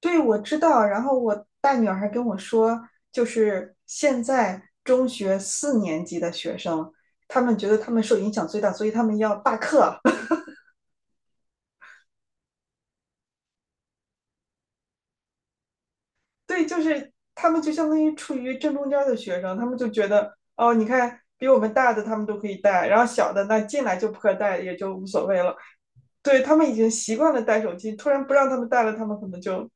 对，我知道。然后我大女儿还跟我说，就是现在中学四年级的学生，他们觉得他们受影响最大，所以他们要罢课。对，就是他们就相当于处于正中间的学生，他们就觉得哦，你看比我们大的他们都可以带，然后小的那进来就不可带，也就无所谓了。对，他们已经习惯了带手机，突然不让他们带了，他们可能就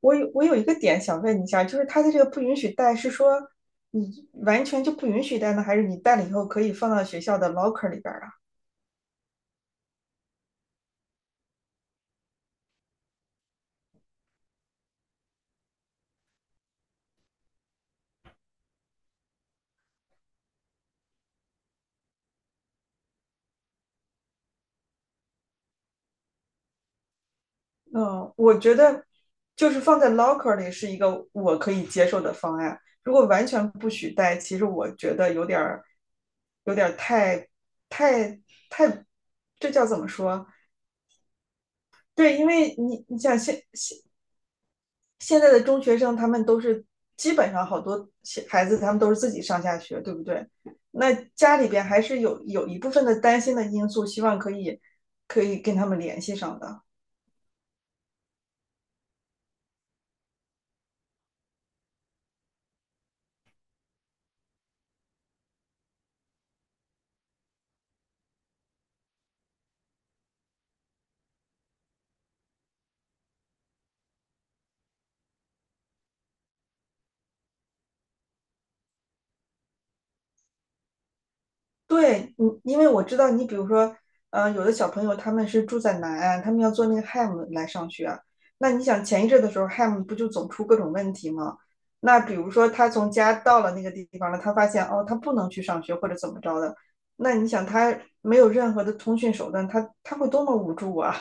我有一个点想问一下，就是他的这个不允许带，是说你完全就不允许带呢，还是你带了以后可以放到学校的 locker 里边啊？嗯，我觉得就是放在 locker 里是一个我可以接受的方案。如果完全不许带，其实我觉得有点儿有点儿太太太，这叫怎么说？对，因为你想现现在的中学生他们都是基本上好多孩子他们都是自己上下学，对不对？那家里边还是有一部分的担心的因素，希望可以跟他们联系上的。对，你，因为我知道你，比如说，有的小朋友他们是住在南岸，他们要坐那个 HAM 来上学啊。那你想前一阵的时候，HAM 不就总出各种问题吗？那比如说他从家到了那个地方了，他发现哦，他不能去上学或者怎么着的，那你想他没有任何的通讯手段，他会多么无助啊！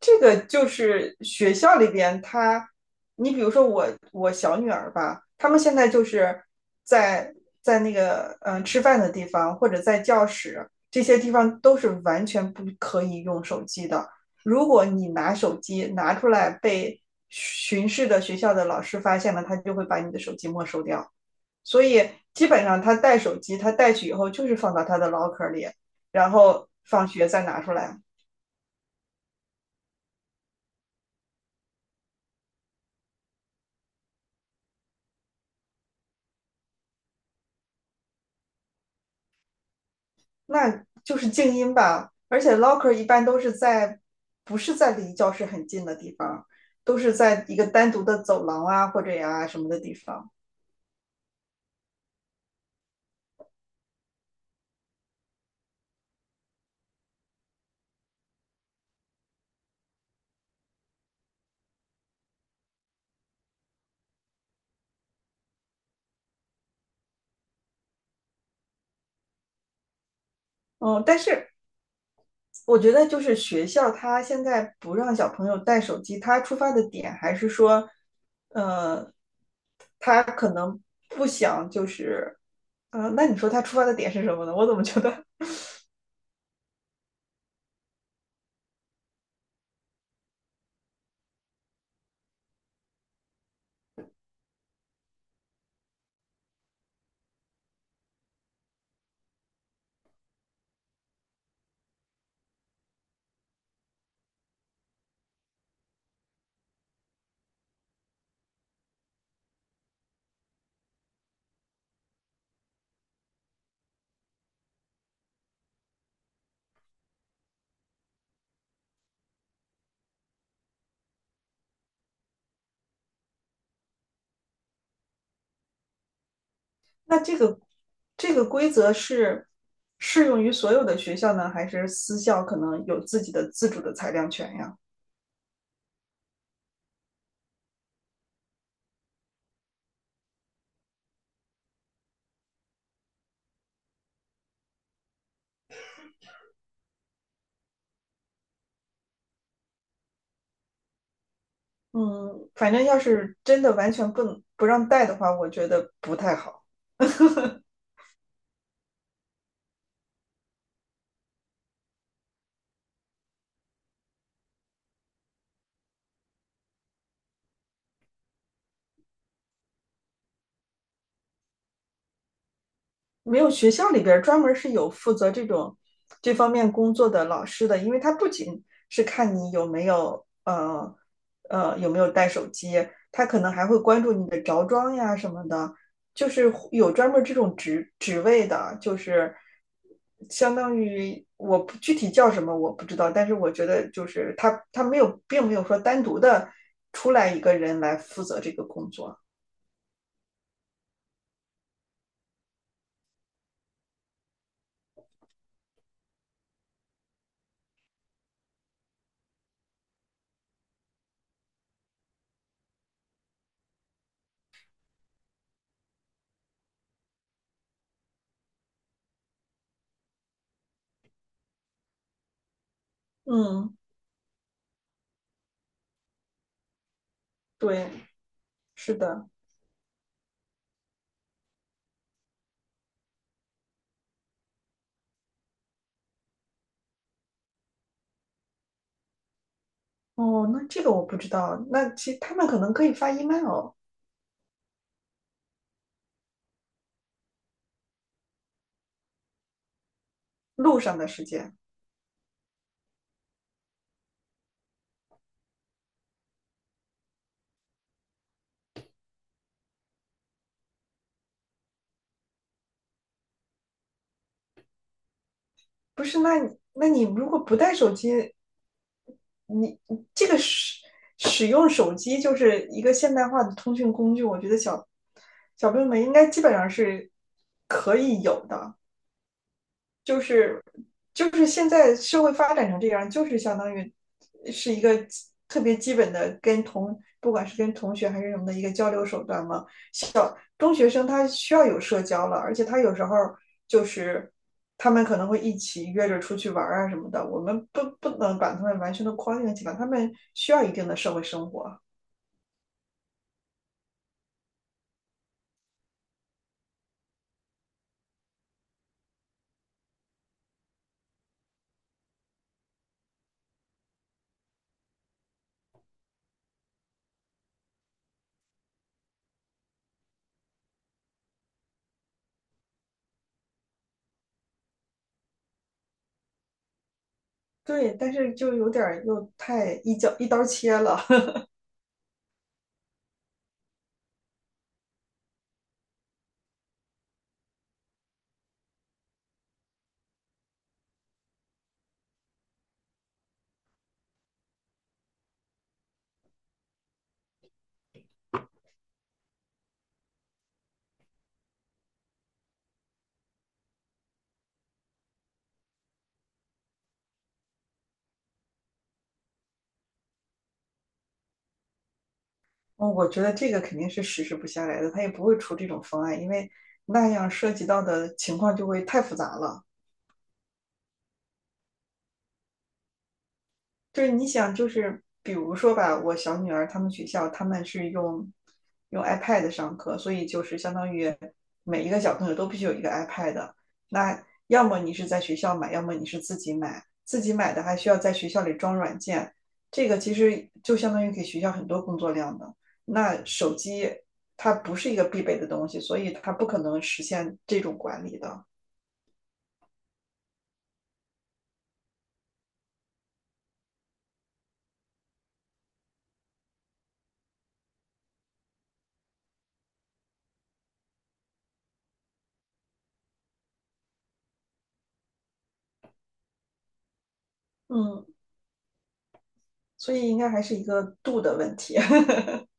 这个就是学校里边他，你比如说我小女儿吧，他们现在就是在在那个吃饭的地方或者在教室这些地方都是完全不可以用手机的。如果你拿手机拿出来被巡视的学校的老师发现了，他就会把你的手机没收掉。所以基本上他带手机，他带去以后就是放到他的 l 壳 c 里，然后放学再拿出来。那就是静音吧。而且 locker 一般都是在，不是在离教室很近的地方，都是在一个单独的走廊啊或者呀、什么的地方。嗯，但是我觉得就是学校他现在不让小朋友带手机，他出发的点还是说，呃，不想就是，嗯，那你说他出发的点是什么呢？我怎么觉得那这个这个规则是适用于所有的学校呢，还是私校可能有自己的自主的裁量权呀？嗯，反正要是真的完全不让带的话，我觉得不太好。没有学校里边专门是有负责这种这方面工作的老师的，因为他不仅是看你有没有有没有带手机，他可能还会关注你的着装呀什么的，就是有专门这种职职位的，就是相当于我不具体叫什么我不知道，但是我觉得就是他没有并没有说单独的出来一个人来负责这个工作，嗯，对，是的。哦，那这个我不知道。那其实他们可能可以发 email 路上的时间，不是？那你如果不带手机，你这个使用手机就是一个现代化的通讯工具，我觉得小朋友们应该基本上是可以有的。就是就是现在社会发展成这样，就是相当于是一个特别基本的跟同不管是跟同学还是什么的一个交流手段嘛。小中学生他需要有社交了，而且他有时候就是他们可能会一起约着出去玩啊什么的，我们不能把他们完全的框定起来，他们需要一定的社会生活。对，但是就有点又太一脚一刀切了。嗯，我觉得这个肯定是实施不下来的，他也不会出这种方案，因为那样涉及到的情况就会太复杂了。就是你想，就是比如说吧，我小女儿她们学校他们是用 iPad 上课，所以就是相当于每一个小朋友都必须有一个 iPad。那要么你是在学校买，要么你是自己买，自己买的还需要在学校里装软件，这个其实就相当于给学校很多工作量的。那手机它不是一个必备的东西，所以它不可能实现这种管理的。嗯，所以应该还是一个度的问题。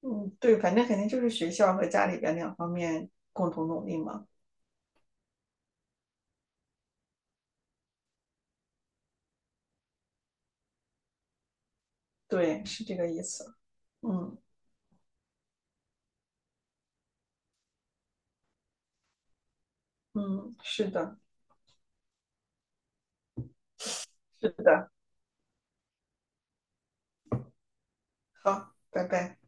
嗯，对，反正肯定就是学校和家里边两方面共同努力嘛。对，是这个意思。嗯嗯，是的，是的。好，拜拜。